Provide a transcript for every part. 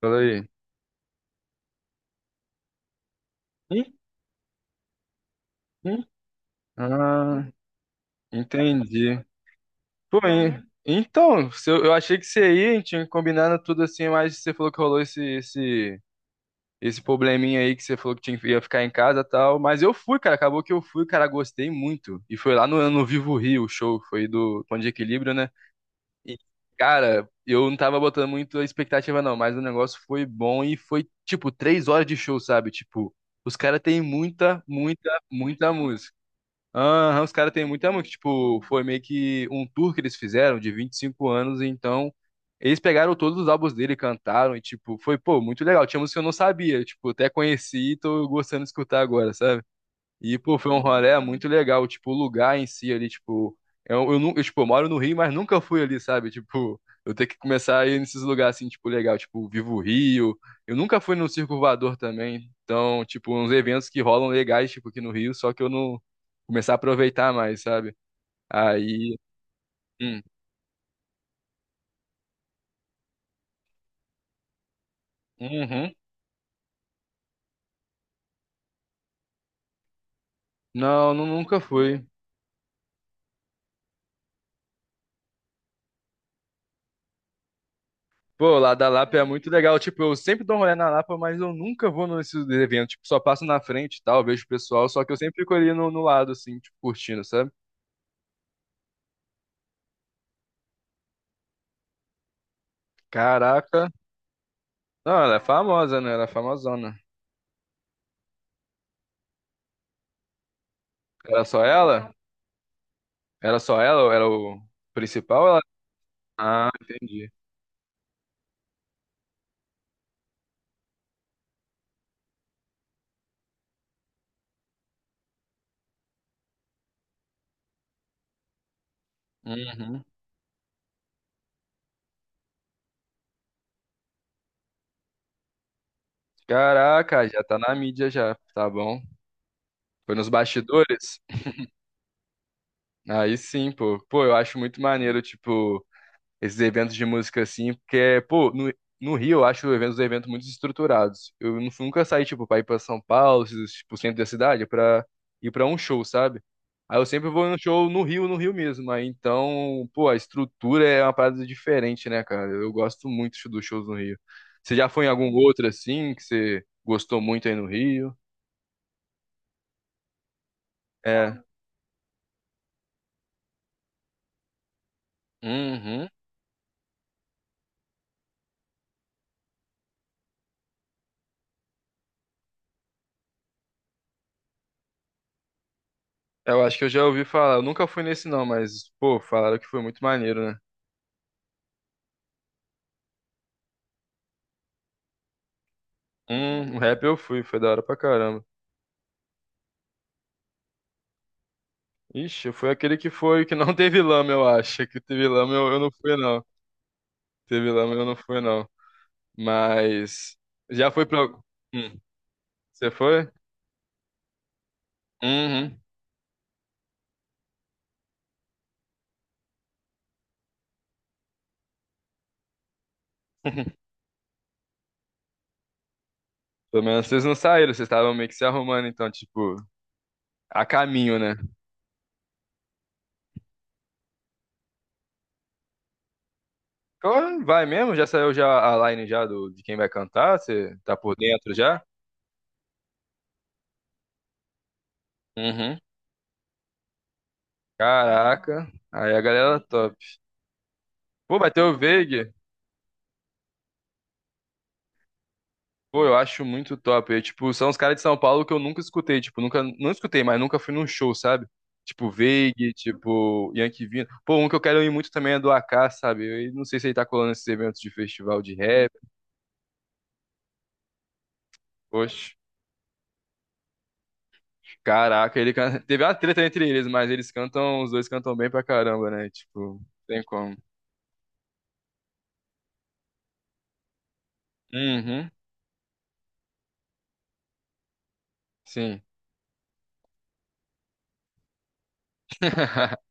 Fala aí. Hum? Hum? Ah, entendi. Pô, hein? Então, se eu achei que você ia, tinha combinado tudo assim, mas você falou que rolou esse probleminha aí que você falou que tinha, que ia ficar em casa e tal. Mas eu fui, cara. Acabou que eu fui, cara. Gostei muito. E foi lá no Vivo Rio, o show. Foi do Ponto de Equilíbrio, né? E, cara, eu não tava botando muito expectativa, não. Mas o negócio foi bom e foi, tipo, três horas de show, sabe? Tipo, os caras têm muita, muita, muita música. Aham, os caras têm muita música tipo, foi meio que um tour que eles fizeram de 25 anos, então eles pegaram todos os álbuns dele, cantaram, e, tipo, foi, pô, muito legal. Tinha música que eu não sabia, tipo, até conheci e tô gostando de escutar agora, e, pô, foi um rolê muito legal. Tipo, o lugar em si ali, tipo. Eu, tipo, eu moro no Rio, mas nunca fui ali, sabe? Tipo, eu tenho que começar a ir nesses lugares assim, tipo, legal. Tipo, Vivo o Rio. Eu nunca fui no Circo Voador também. Então, tipo, uns eventos que rolam legais, tipo, aqui no Rio, só que eu não começar a aproveitar mais, sabe? Aí. hum, uhum. Não, nunca fui. Pô, lá da Lapa é muito legal. Tipo, eu sempre dou um rolê na Lapa, mas eu nunca vou nesses eventos. Tipo, só passo na frente e tal, vejo o pessoal. Só que eu sempre fico ali no lado, assim, tipo, curtindo, sabe? Caraca. Não, ela é famosa, né? Ela é famosona. Era só ela? Era só ela? Ou era o principal? Ela... Ah, entendi. Uhum. Caraca, já tá na mídia já, tá bom? Foi nos bastidores? Aí sim, pô. Pô, eu acho muito maneiro, tipo. Esses eventos de música assim, porque, pô, no Rio eu acho os eventos muito estruturados. Eu nunca saí, tipo, pra ir pra São Paulo, esses, tipo, centro da cidade, pra ir pra um show, sabe? Aí eu sempre vou no show no Rio, no Rio mesmo. Aí então, pô, a estrutura é uma parada diferente, né, cara? Eu gosto muito dos shows no Rio. Você já foi em algum outro assim, que você gostou muito aí no Rio? É. Uhum. Eu acho que eu já ouvi falar. Eu nunca fui nesse não, mas, pô, falaram que foi muito maneiro, né? O rap eu fui, foi da hora pra caramba. Ixi, eu fui aquele que foi, que não teve lama, eu acho. Que teve lama eu não fui, não. Teve lama eu não fui, não. Mas já fui pra. Hum, você foi? Uhum. Pelo menos vocês não saíram, vocês estavam meio que se arrumando, então, tipo, a caminho, né? Então, vai mesmo? Já saiu já a line já do, de quem vai cantar? Você tá por dentro já? Uhum. Caraca. Aí a galera top. Pô, vai ter o Veig. Pô, eu acho muito top. Eu, tipo, são os caras de São Paulo que eu nunca escutei, tipo, nunca, não escutei, mas nunca fui num show, sabe? Tipo, Veig, tipo, Yankee Vina. Pô, um que eu quero ir muito também é do AK, sabe? Eu não sei se ele tá colando esses eventos de festival de rap. Poxa, caraca, ele canta... teve uma treta entre eles, mas eles cantam, os dois cantam bem pra caramba, né? Tipo, tem como. Uhum, sim.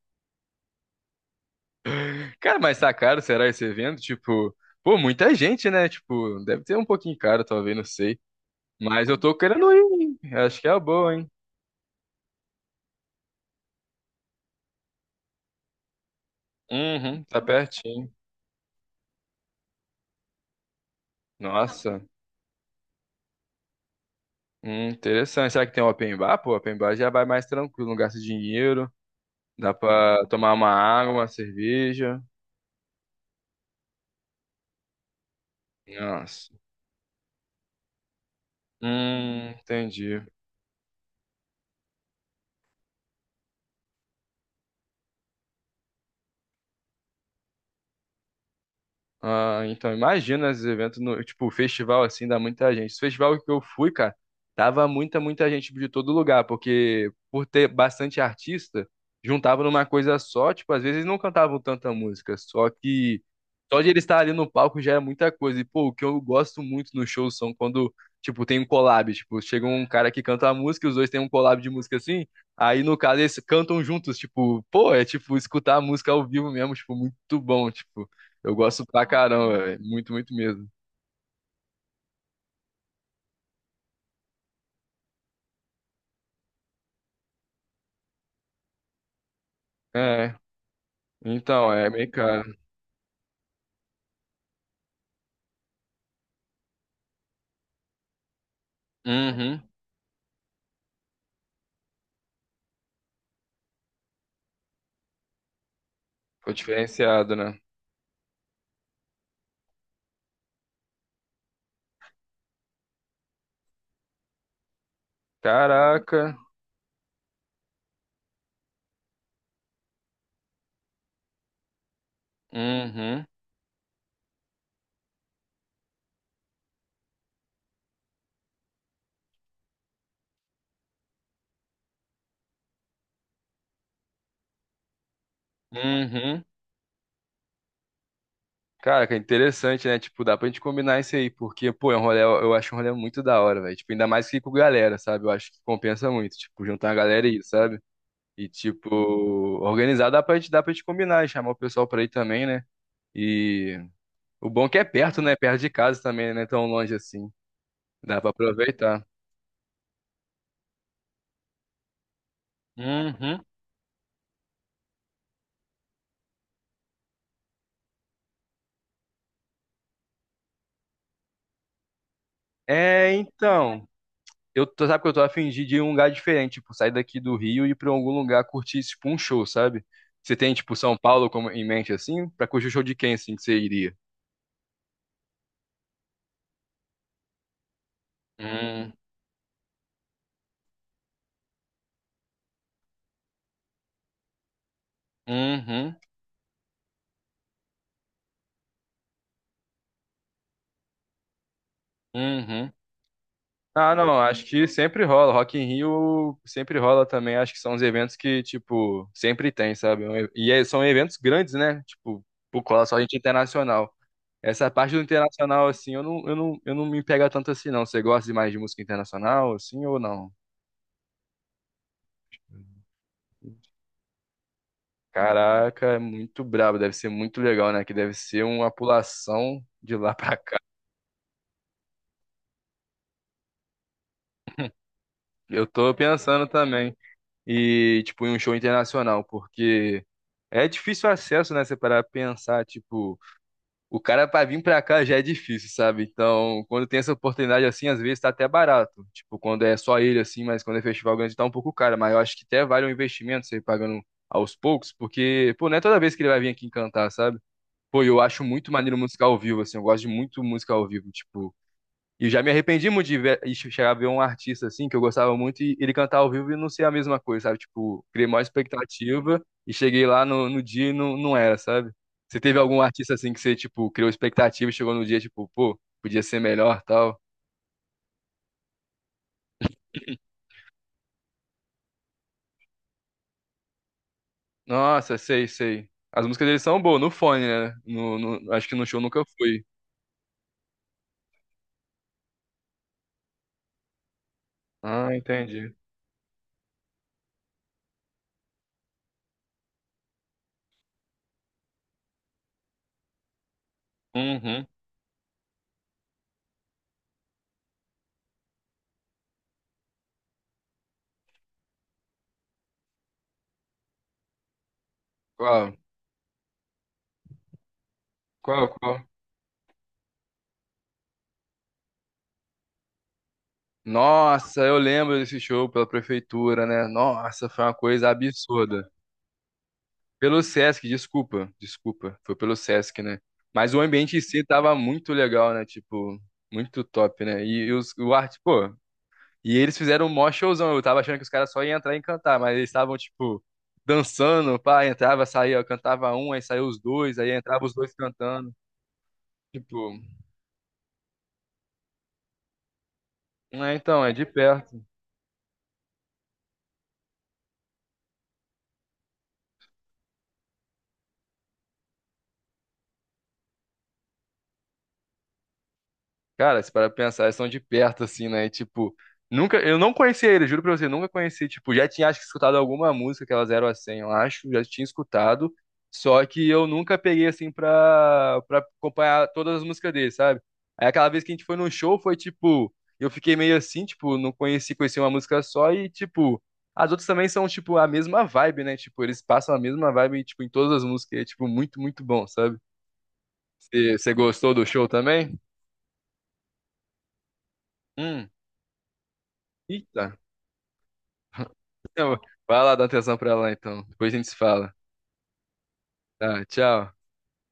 Cara, mas tá caro, será esse evento? Tipo, pô, muita gente, né? Tipo, deve ter um pouquinho caro, talvez, não sei. Mas eu tô querendo ir. Acho que é a boa, hein? Uhum, tá pertinho. Nossa, interessante. Será que tem open bar? Pô, open bar já vai mais tranquilo, não gasta dinheiro. Dá pra tomar uma água, uma cerveja. Nossa. Entendi. Ah, então imagina esses eventos no, tipo, festival assim, dá muita gente. Esse festival que eu fui, cara, tava muita, muita gente de todo lugar, porque por ter bastante artista, juntava numa coisa só, tipo, às vezes não cantavam tanta música, só que só de ele estar ali no palco já é muita coisa. E pô, o que eu gosto muito nos shows são quando, tipo, tem um collab, tipo, chega um cara que canta a música, e os dois têm um collab de música assim, aí no caso eles cantam juntos, tipo, pô, é tipo escutar a música ao vivo mesmo, tipo, muito bom, tipo. Eu gosto pra caramba, velho. Muito, muito mesmo. É, então, é meio caro. Uhum. Ficou diferenciado, né? Caraca. Uhum. Uhum. Cara, que interessante, né? Tipo, dá pra gente combinar isso aí, porque, pô, é um rolê, eu acho um rolê muito da hora, velho. Tipo, ainda mais que ir com galera, sabe? Eu acho que compensa muito, tipo, juntar a galera e ir, sabe? E, tipo, organizar dá pra gente combinar e chamar o pessoal pra ir também, né? E o bom é que é perto, né? Perto de casa também, né? Tão longe assim. Dá pra aproveitar. Uhum. É, então, eu tô, sabe que eu tô a fim de ir em um lugar diferente, tipo, sair daqui do Rio e ir pra algum lugar curtir, tipo, um show, sabe? Você tem, tipo, São Paulo como, em mente, assim? Pra curtir o show de quem, assim, que você iria? Hum, uhum, uhum. Ah, não, acho que sempre rola. Rock in Rio sempre rola também. Acho que são os eventos que, tipo, sempre tem, sabe? É um e- e é- são eventos grandes, né? Tipo, por cola só gente internacional. Essa parte do internacional, assim, eu não me pega tanto assim, não. Você gosta de mais de música internacional, assim, ou não? Caraca, é muito brabo, deve ser muito legal, né? Que deve ser uma pulação de lá pra cá. Eu tô pensando também. E, tipo, em um show internacional, porque é difícil o acesso, né? Você parar pra pensar, tipo, o cara pra vir pra cá já é difícil, sabe? Então, quando tem essa oportunidade assim, às vezes tá até barato. Tipo, quando é só ele assim, mas quando é festival grande tá um pouco caro. Mas eu acho que até vale um investimento você ir pagando aos poucos, porque, pô, não é toda vez que ele vai vir aqui cantar, sabe? Pô, eu acho muito maneiro música ao vivo, assim, eu gosto de muito música ao vivo, tipo. E eu já me arrependi muito de ver, e chegar a ver um artista, assim, que eu gostava muito, e ele cantar ao vivo e não ser a mesma coisa, sabe? Tipo, criei maior expectativa e cheguei lá no dia e não, não era, sabe? Você teve algum artista, assim, que você, tipo, criou expectativa e chegou no dia, tipo, pô, podia ser melhor, tal? Nossa, sei, sei. As músicas deles são boas, no fone, né? No, acho que no show nunca fui. Ah, entendi. Uhum. Qual? Qual, qual? Nossa, eu lembro desse show pela prefeitura, né? Nossa, foi uma coisa absurda. Pelo Sesc, desculpa, desculpa, foi pelo Sesc, né? Mas o ambiente em si tava muito legal, né? Tipo, muito top, né? E os, o arte, pô. E eles fizeram um mó showzão. Eu tava achando que os caras só iam entrar e cantar, mas eles estavam, tipo, dançando, pá, entrava, saía, cantava um, aí saiu os dois, aí entrava os dois cantando. Tipo, é, então, é de perto. Cara, se para pensar, eles são de perto, assim, né? E, tipo, nunca. Eu não conhecia ele. Juro pra você, nunca conheci. Tipo, já tinha, acho que, escutado alguma música, que aquela Zero a 100, eu acho, já tinha escutado. Só que eu nunca peguei, assim, pra acompanhar todas as músicas dele, sabe? Aí aquela vez que a gente foi num show, foi tipo. Eu fiquei meio assim, tipo, não conheci, conheci uma música só e, tipo. As outras também são, tipo, a mesma vibe, né? Tipo, eles passam a mesma vibe, tipo, em todas as músicas. E é, tipo, muito, muito bom, sabe? Você gostou do show também? Hum. Eita. Então, vai lá dar atenção pra ela então. Depois a gente se fala. Tá, tchau.